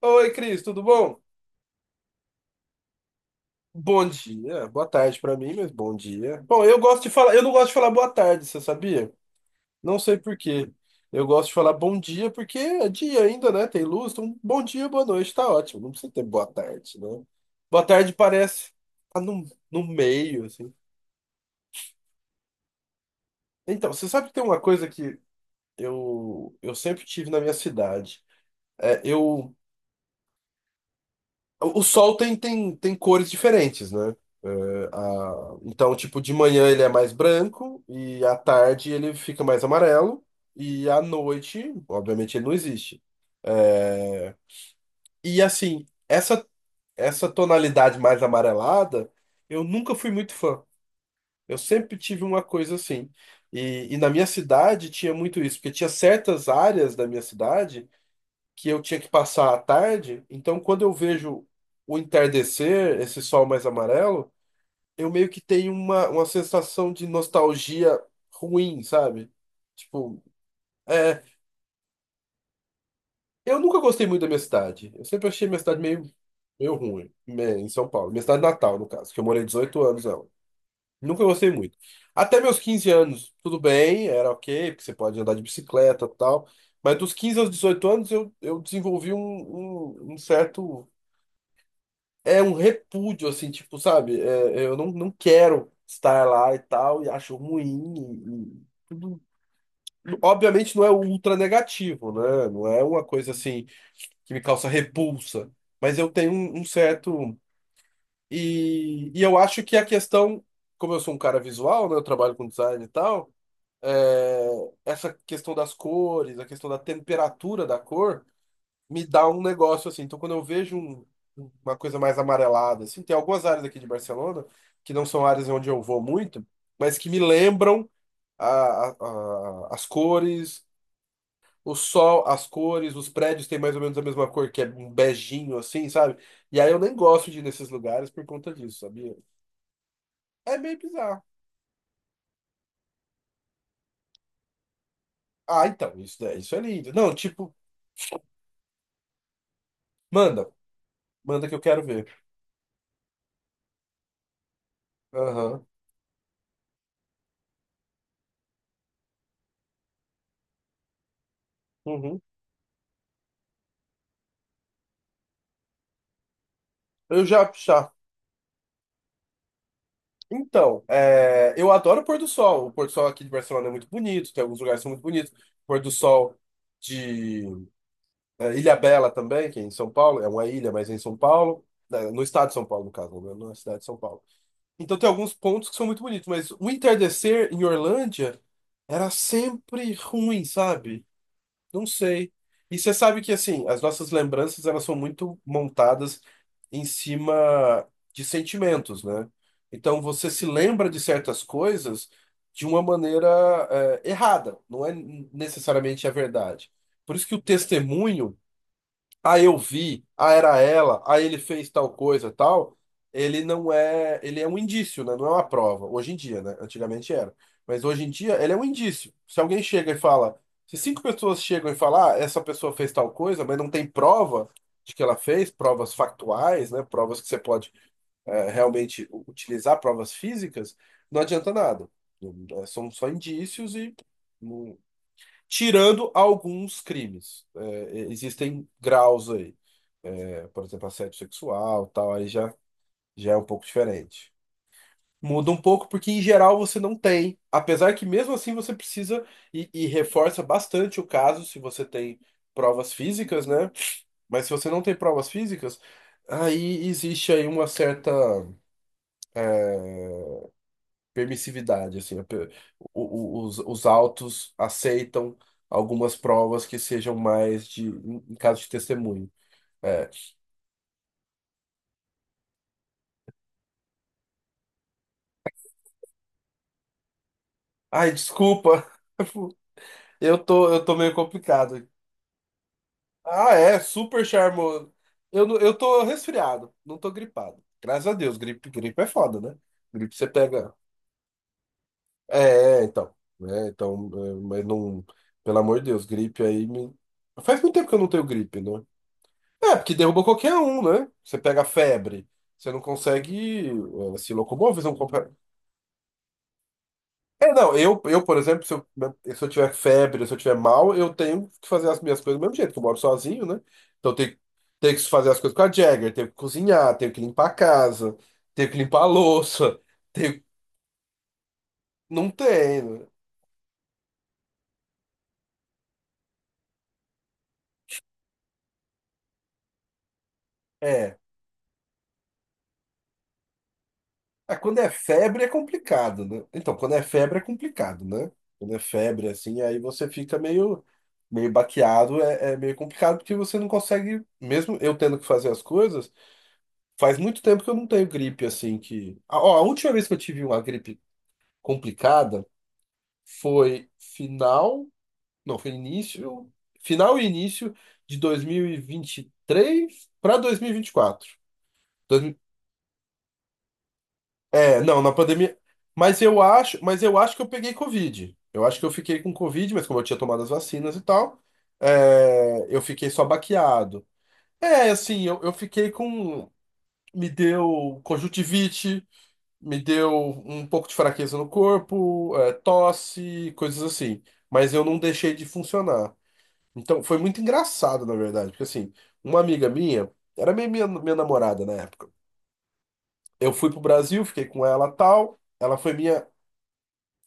Oi, Cris, tudo bom? Bom dia, boa tarde pra mim, mas bom dia. Bom, eu não gosto de falar boa tarde, você sabia? Não sei por quê. Eu gosto de falar bom dia porque é dia ainda, né? Tem luz, então bom dia, boa noite, tá ótimo. Não precisa ter boa tarde, né? Boa tarde parece tá no meio, assim. Então, você sabe que tem uma coisa que eu sempre tive na minha cidade. É, eu O sol tem cores diferentes, né? É, então, tipo, de manhã ele é mais branco e à tarde ele fica mais amarelo e à noite, obviamente, ele não existe. É, E assim, essa tonalidade mais amarelada, eu nunca fui muito fã. Eu sempre tive uma coisa assim. E na minha cidade tinha muito isso, porque tinha certas áreas da minha cidade que eu tinha que passar à tarde. Então, quando eu vejo o entardecer, esse sol mais amarelo, eu meio que tenho uma sensação de nostalgia ruim, sabe? Tipo, é, eu nunca gostei muito da minha cidade. Eu sempre achei minha cidade meio ruim, né, em São Paulo. Minha cidade natal, no caso, que eu morei 18 anos nela. Nunca gostei muito. Até meus 15 anos, tudo bem, era ok, porque você pode andar de bicicleta e tal. Mas dos 15 aos 18 anos, eu desenvolvi um certo é um repúdio, assim, tipo, sabe? Eu não quero estar lá e tal, e acho ruim. Obviamente não é ultra negativo, né? Não é uma coisa assim que me causa repulsa, mas eu tenho um certo. E eu acho que a questão, como eu sou um cara visual, né? Eu trabalho com design e tal, é, essa questão das cores, a questão da temperatura da cor me dá um negócio assim. Então, quando eu vejo uma coisa mais amarelada, assim, tem algumas áreas aqui de Barcelona que não são áreas onde eu vou muito, mas que me lembram as cores, o sol, as cores, os prédios têm mais ou menos a mesma cor, que é um beijinho assim, sabe? E aí eu nem gosto de ir nesses lugares por conta disso, sabia? É meio bizarro. Ah, então, isso é lindo. Não, tipo, manda, manda que eu quero ver. Aham. Uhum. Eu já, já Então, eu adoro o pôr do sol. O pôr do sol aqui de Barcelona é muito bonito, tem alguns lugares que são muito bonitos. O pôr do sol de Ilhabela também, que é em São Paulo, é uma ilha, mas é em São Paulo, né, no estado de São Paulo, no caso, né, na cidade de São Paulo. Então tem alguns pontos que são muito bonitos, mas o entardecer em Orlândia era sempre ruim, sabe? Não sei. E você sabe que, assim, as nossas lembranças, elas são muito montadas em cima de sentimentos, né? Então, você se lembra de certas coisas de uma maneira, errada. Não é necessariamente a verdade. Por isso que o testemunho, ah, eu vi, ah, era ela, ah, ele fez tal coisa, tal, ele não é, ele é um indício, né? Não é uma prova. Hoje em dia, né? Antigamente era. Mas hoje em dia, ele é um indício. Se alguém chega e fala, se cinco pessoas chegam e falam, ah, essa pessoa fez tal coisa, mas não tem prova de que ela fez, provas factuais, né? Provas que você pode realmente utilizar, provas físicas, não adianta nada. São só indícios e não, tirando alguns crimes. Existem graus aí. Por exemplo, assédio sexual, tal, aí já é um pouco diferente. Muda um pouco porque, em geral, você não tem. Apesar que, mesmo assim, você precisa e reforça bastante o caso se você tem provas físicas, né? Mas se você não tem provas físicas, aí existe aí uma certa. Permissividade, assim, a pe- o- os autos aceitam algumas provas que sejam mais de, em caso de testemunho. É. Ai, desculpa, eu tô meio complicado. Ah, é, super charmoso. Eu tô resfriado, não tô gripado. Graças a Deus, gripe é foda, né? Gripe você pega. Então. Então, mas não. Pelo amor de Deus, gripe aí me. Faz muito tempo que eu não tenho gripe, né? É, porque derruba qualquer um, né? Você pega febre, você não consegue se locomover, você não compra... É, não, eu, por exemplo, se eu, tiver febre, se eu tiver mal, eu tenho que fazer as minhas coisas do mesmo jeito, que eu moro sozinho, né? Então eu tenho que fazer as coisas com a Jagger, tenho que cozinhar, tenho que limpar a casa, tenho que limpar a louça, tenho... Não tem, né? É. Ah, quando é febre é complicado, né? Então, quando é febre é complicado, né? Quando é febre, assim, aí você fica meio baqueado, meio complicado porque você não consegue, mesmo eu tendo que fazer as coisas, faz muito tempo que eu não tenho gripe, assim, que... Ah, ó, a última vez que eu tive uma gripe complicada foi final, não, foi início, final e início de dois mil e vinte e três para dois mil e vinte e quatro. É, não, na pandemia. Mas eu acho que eu peguei Covid. Eu acho que eu fiquei com Covid, mas como eu tinha tomado as vacinas e tal, eu fiquei só baqueado. É, assim, eu fiquei com. Me deu conjuntivite, me deu um pouco de fraqueza no corpo, tosse, coisas assim. Mas eu não deixei de funcionar. Então, foi muito engraçado, na verdade, porque assim, uma amiga minha, era minha namorada na época. Eu fui pro Brasil, fiquei com ela tal. Ela foi minha.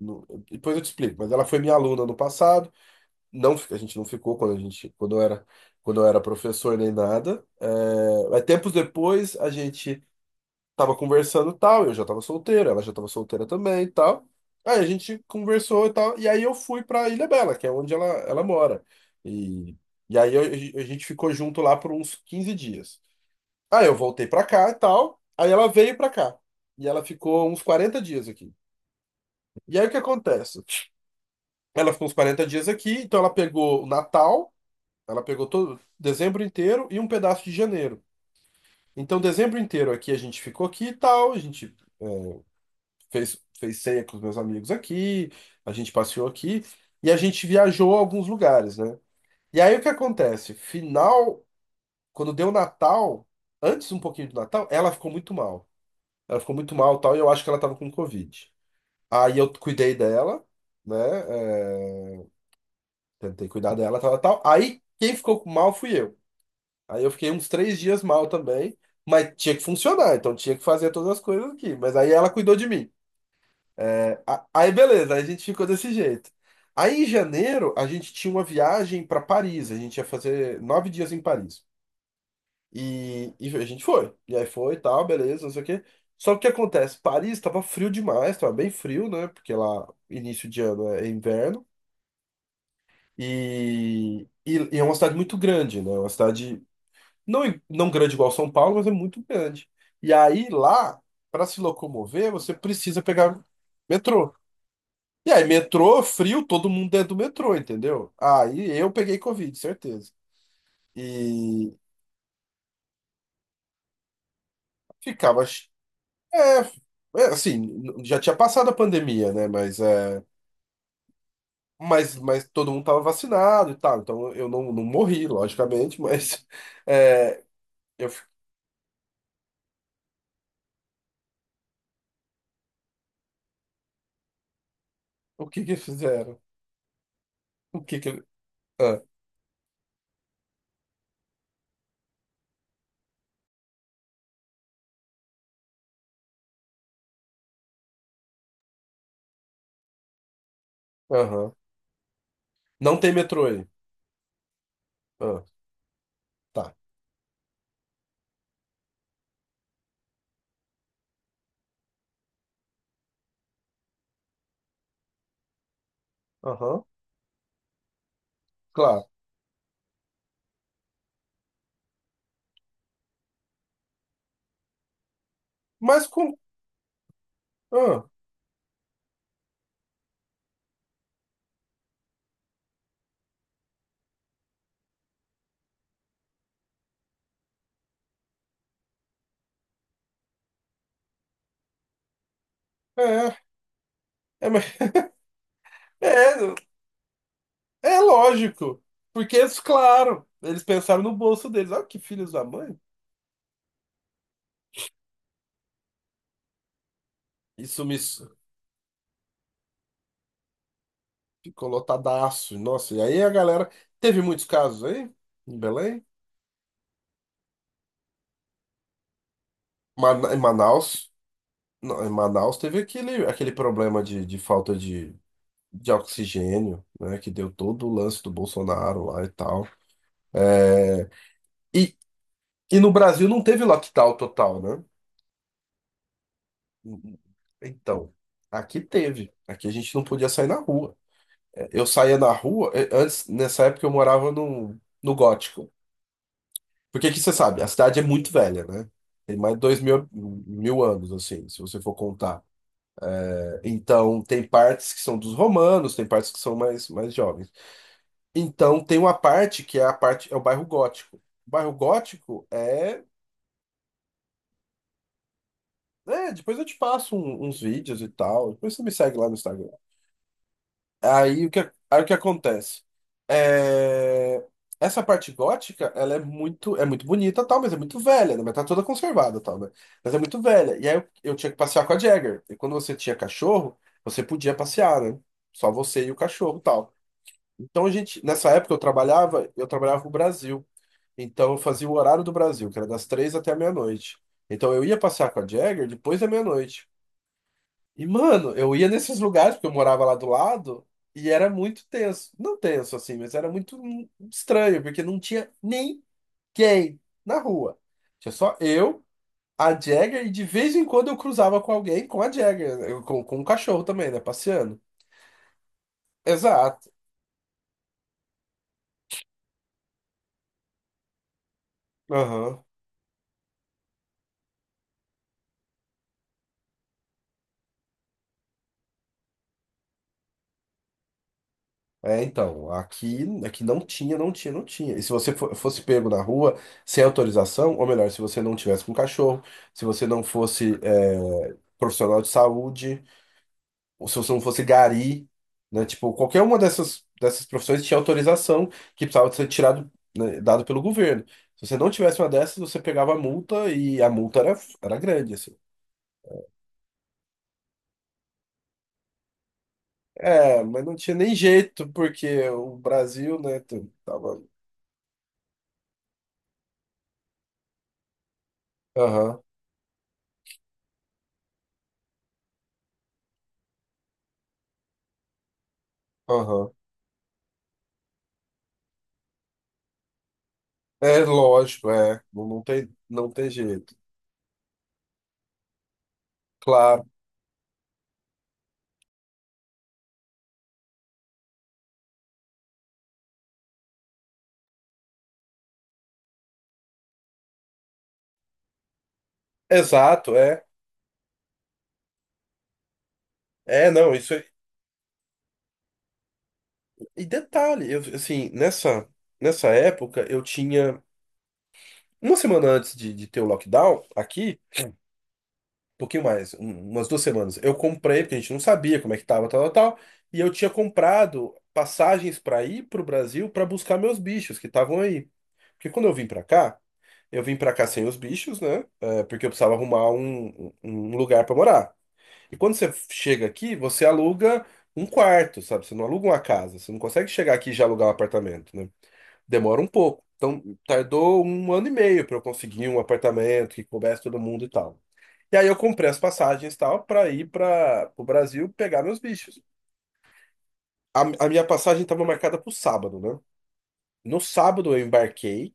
Depois eu te explico, mas ela foi minha aluna no passado. Não, a gente não ficou quando eu era professor nem nada. Mas tempos depois a gente tava conversando e tal, eu já tava solteiro, ela já tava solteira também e tal. Aí a gente conversou e tal, e aí eu fui pra Ilha Bela, que é onde ela mora. E, e aí eu- a gente ficou junto lá por uns 15 dias. Aí eu voltei pra cá e tal, aí ela veio pra cá. E ela ficou uns 40 dias aqui. E aí o que acontece? Ela ficou uns 40 dias aqui, então ela pegou o Natal, ela pegou todo dezembro inteiro e um pedaço de janeiro. Então, dezembro inteiro aqui a gente ficou aqui e tal, a gente é, fez ceia com os meus amigos aqui, a gente passeou aqui e a gente viajou a alguns lugares, né? E aí o que acontece? Final, quando deu Natal, antes um pouquinho do Natal, ela ficou muito mal. Ela ficou muito mal, tal, e eu acho que ela tava com Covid. Aí eu cuidei dela, né? Tentei cuidar dela, tal, tal, tal. Aí quem ficou com mal fui eu. Aí eu fiquei uns 3 dias mal também, mas tinha que funcionar, então tinha que fazer todas as coisas aqui. Mas aí ela cuidou de mim. Aí beleza, aí a gente ficou desse jeito. Aí em janeiro a gente tinha uma viagem para Paris, a gente ia fazer 9 dias em Paris. E a gente foi. E aí foi, e tal, beleza, não sei o quê. Só que o que acontece? Paris tava frio demais, tava bem frio, né? Porque lá, início de ano é inverno. E é uma cidade muito grande, né? É uma cidade não, não grande igual São Paulo, mas é muito grande. E aí lá, para se locomover, você precisa pegar metrô. E aí, metrô, frio, todo mundo dentro do metrô, entendeu? Aí eu peguei Covid, certeza. E ficava. É, assim, já tinha passado a pandemia, né? Mas todo mundo tava vacinado e tal. Então eu não morri, logicamente, mas é, eu, fi- o que que fizeram? O que que Ah, aham. Não tem metrô aí. Ah, tá. Aham, claro. Mas com. Ah, é, é, mas- é, é lógico. Porque, eles, claro, eles pensaram no bolso deles. Olha que filhos da mãe. Isso me s- Ficou lotadaço. Nossa, e aí a galera. Teve muitos casos aí em Belém. Em Manaus. Não, em Manaus teve aquele problema de falta de oxigênio, né? Que deu todo o lance do Bolsonaro lá e tal. É, e, E no Brasil não teve lockdown total, né? Então, aqui teve. Aqui a gente não podia sair na rua. Eu saía na rua, antes, nessa época eu morava no Gótico. Porque aqui você sabe, a cidade é muito velha, né? Tem mais de mil anos, assim, se você for contar. Então, tem partes que são dos romanos, tem partes que são mais jovens. Então, tem uma parte que é a parte, é o bairro Gótico. O bairro Gótico é. Depois eu te passo uns vídeos e tal. Depois você me segue lá no Instagram. Aí o que, aí o que acontece? É, Essa parte gótica, ela é muito bonita, tal, mas é muito velha, né? Mas tá toda conservada, tal, né? Mas é muito velha. E aí eu tinha que passear com a Jagger. E quando você tinha cachorro, você podia passear, né? Só você e o cachorro, tal. Então a gente, nessa época eu trabalhava no Brasil. Então eu fazia o horário do Brasil, que era das 3 até a meia-noite. Então eu ia passear com a Jagger depois da meia-noite. E, mano, eu ia nesses lugares, porque eu morava lá do lado, e era muito tenso. Não tenso, assim, mas era muito estranho, porque não tinha ninguém na rua. Tinha só eu, a Jagger, e de vez em quando eu cruzava com alguém com a Jagger, com um cachorro também, né? Passeando. Exato. Aham. Então, aqui não tinha, não tinha. E se você fosse pego na rua sem autorização, ou melhor, se você não tivesse com cachorro, se você não fosse, profissional de saúde, ou se você não fosse gari, né? Tipo, qualquer uma dessas profissões tinha autorização que precisava ser tirado, né, dado pelo governo. Se você não tivesse uma dessas, você pegava a multa e a multa era grande, assim. É, mas não tinha nem jeito, porque o Brasil, né, tava... Aham, aham. É lógico, é. Não, não tem jeito. Claro. Exato, é. É, não, isso é... E detalhe, eu, assim, nessa época, eu tinha... Uma semana antes de ter o lockdown, aqui, pouquinho mais, umas 2 semanas. Eu comprei, porque a gente não sabia como é que tava, tal, tal, tal. E eu tinha comprado passagens para ir pro Brasil para buscar meus bichos que estavam aí. Porque quando eu vim para cá, eu vim para cá sem os bichos, né? É, porque eu precisava arrumar um, um lugar para morar. E quando você chega aqui, você aluga um quarto, sabe? Você não aluga uma casa. Você não consegue chegar aqui e já alugar um apartamento, né? Demora um pouco. Então, tardou 1 ano e meio para eu conseguir um apartamento que coubesse todo mundo e tal. E aí eu comprei as passagens e tal para ir para o Brasil pegar meus bichos. A, a minha passagem estava marcada para o sábado, né? No sábado eu embarquei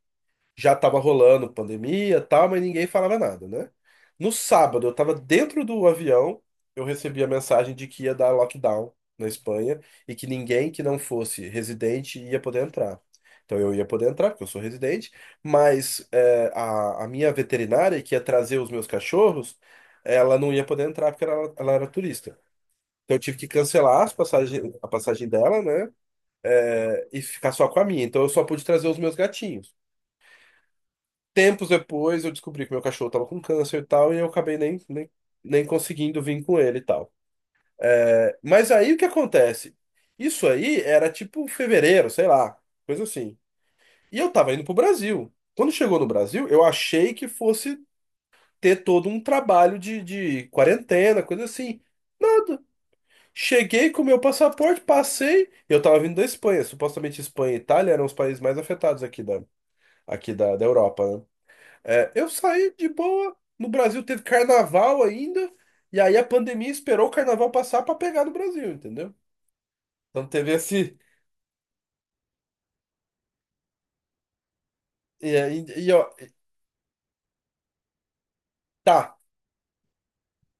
já tava rolando pandemia, e tal, mas ninguém falava nada, né? No sábado, eu tava dentro do avião, eu recebi a mensagem de que ia dar lockdown na Espanha e que ninguém que não fosse residente ia poder entrar. Então eu ia poder entrar, porque eu sou residente, mas é, a minha veterinária que ia trazer os meus cachorros, ela não ia poder entrar porque ela era turista. Então eu tive que cancelar a passagem dela, né? E ficar só com a minha. Então eu só pude trazer os meus gatinhos. Tempos depois eu descobri que meu cachorro tava com câncer e tal, e eu acabei nem conseguindo vir com ele e tal. Mas aí o que acontece? Isso aí era tipo fevereiro, sei lá, coisa assim. E eu tava indo pro Brasil. Quando chegou no Brasil, eu achei que fosse ter todo um trabalho de quarentena, coisa assim. Nada. Cheguei com meu passaporte, passei. Eu tava vindo da Espanha. Supostamente Espanha e Itália eram os países mais afetados aqui da, da Europa, né? Eu saí de boa. No Brasil teve carnaval ainda. E aí a pandemia esperou o carnaval passar pra pegar no Brasil, entendeu? Então teve esse. E, ó, tá,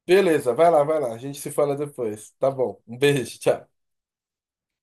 beleza, vai lá, vai lá. A gente se fala depois. Tá bom. Um beijo, tchau.